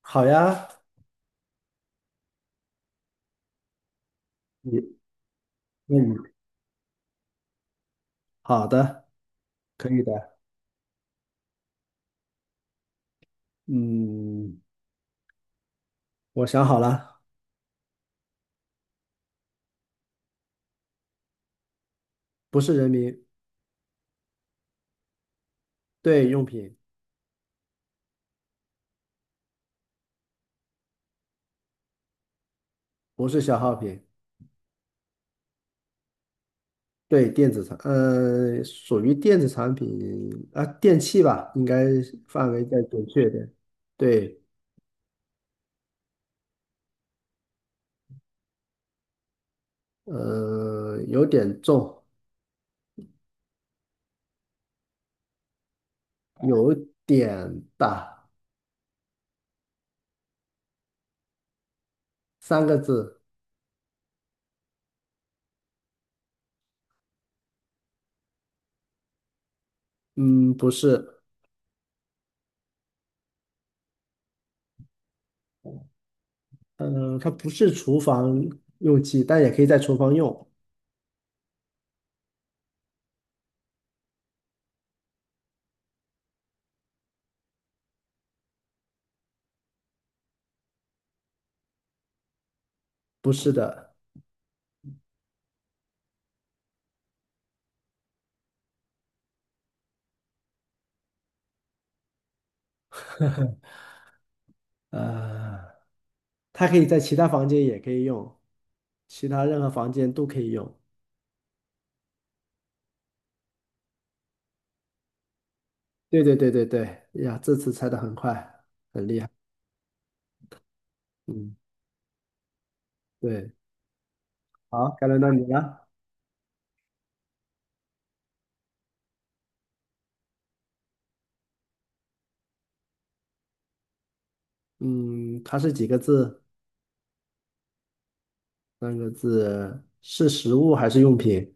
好呀，你那你好的，可以的。嗯，我想好了，不是人民，对用品，不是消耗品，对电子产，呃，属于电子产品啊，电器吧，应该范围再准确一点。对，呃，有点重，有点大，三个字。嗯，不是，嗯、它不是厨房用器，但也可以在厨房用。不是的，呃。它可以在其他房间也可以用，其他任何房间都可以用。对对对对对，呀，这次猜的很快，很厉害。嗯，对，好，该轮到你了。嗯，它是几个字？三个字，是食物还是用品？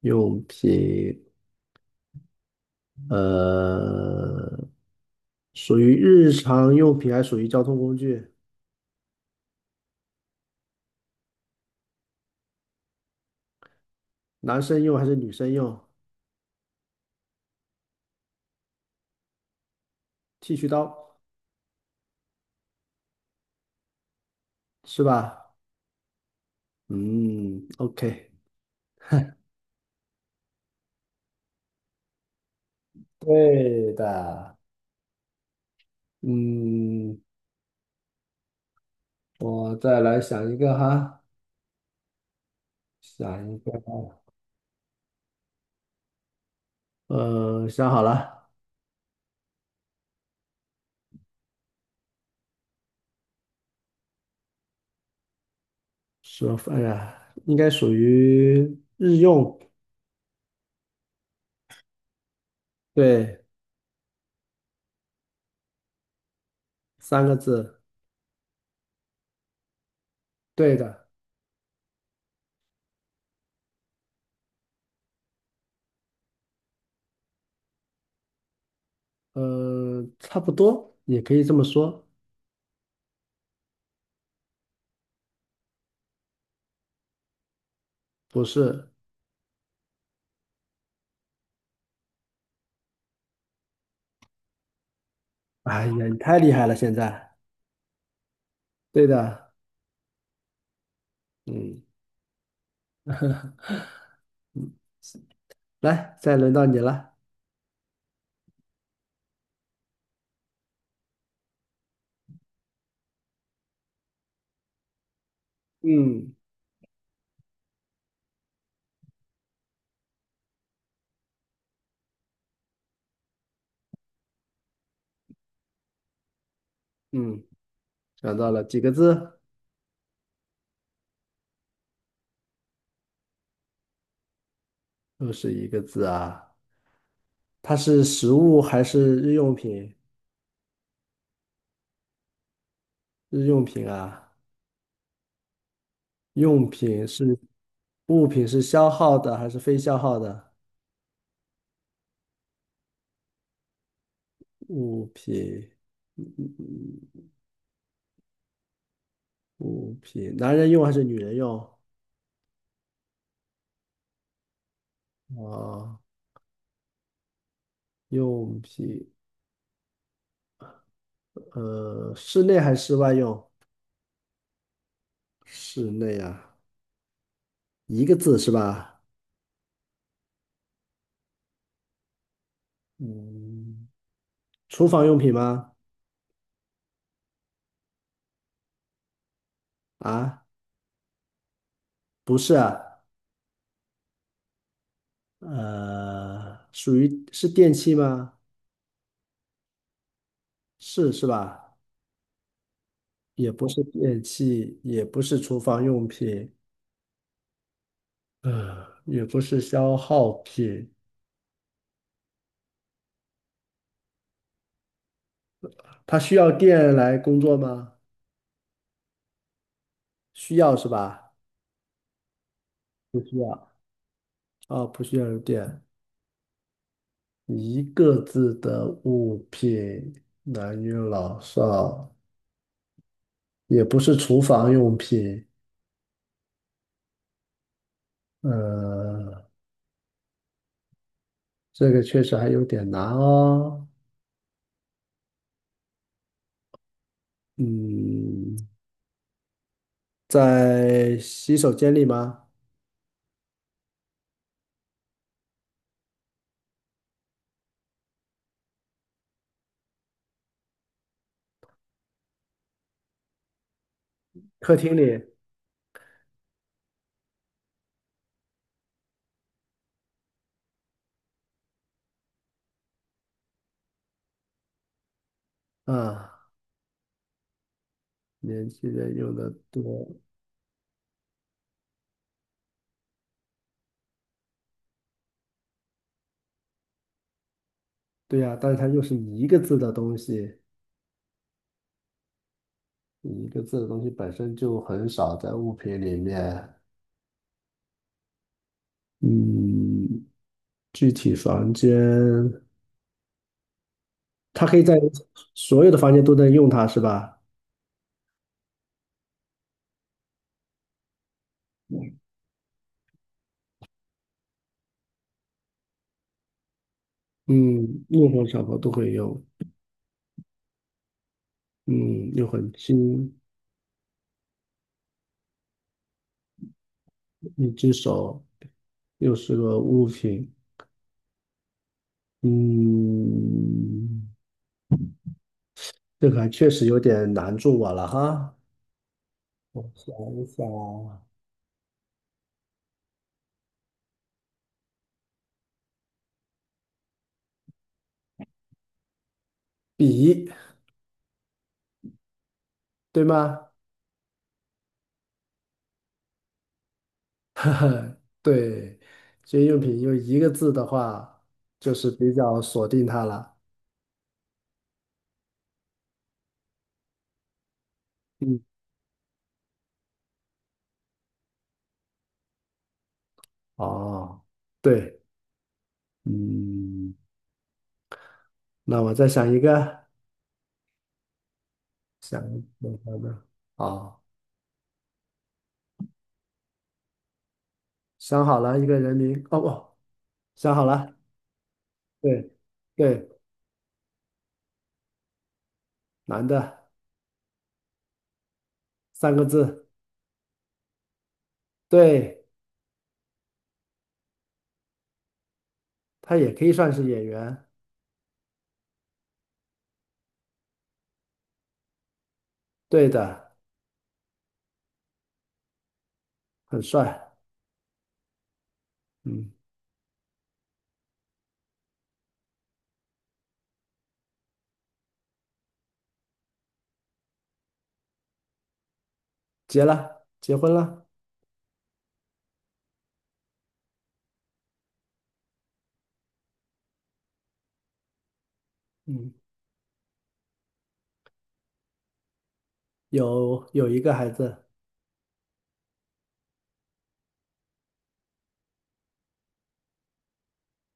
用品，呃，属于日常用品还是属于交通工具？男生用还是女生用？剃须刀是吧？嗯，OK，对的。嗯，我再来想一个哈，想一个，呃，想好了，说，哎呀，应该属于日用，对，三个字，对的，呃，差不多，也可以这么说，不是，哎呀，你太厉害了，现在，对的，嗯，来，再轮到你了，嗯嗯，想到了几个字？又是一个字啊，它是食物还是日用品？日用品啊。用品是物品是消耗的还是非消耗的？物品，嗯嗯嗯物品，男人用还是女人用？啊，用品，呃，室内还是室外用？室内啊，一个字是吧？嗯，厨房用品吗？啊，不是啊，呃，属于是电器吗？是吧？也不是电器，也不是厨房用品，呃，也不是消耗品。它需要电来工作吗？需要是吧？不需要。哦，不需要有电。一个字的物品，男女老少，也不是厨房用品。呃，这个确实还有点难哦。嗯，在洗手间里吗？客厅里啊，年轻人用的多。对呀，但是它又是一个字的东西，一个字的东西本身就很少在物品里面。嗯，具体房间，它可以在所有的房间都能用它是吧？嗯，任何场合都会用。嗯，又很轻，一只手又是个物品。嗯，这个还确实有点难住我了哈。我想一想啊笔，对吗？对，这些用品用一个字的话，就是比较锁定它了。嗯，哦，对。嗯，那我再想一个，想一个什么？哦，想好了一个人名，哦不，想好了，对对，男的，三个字，对，他也可以算是演员，对的，很帅，嗯，结了，结婚了，嗯，有一个孩子，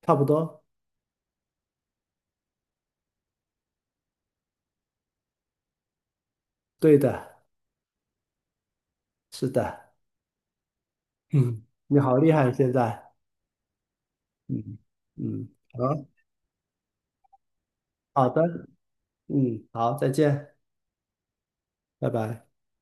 差不多，对的，是的，嗯，你好厉害，现在，嗯嗯，好，好的，嗯，好，再见，拜拜。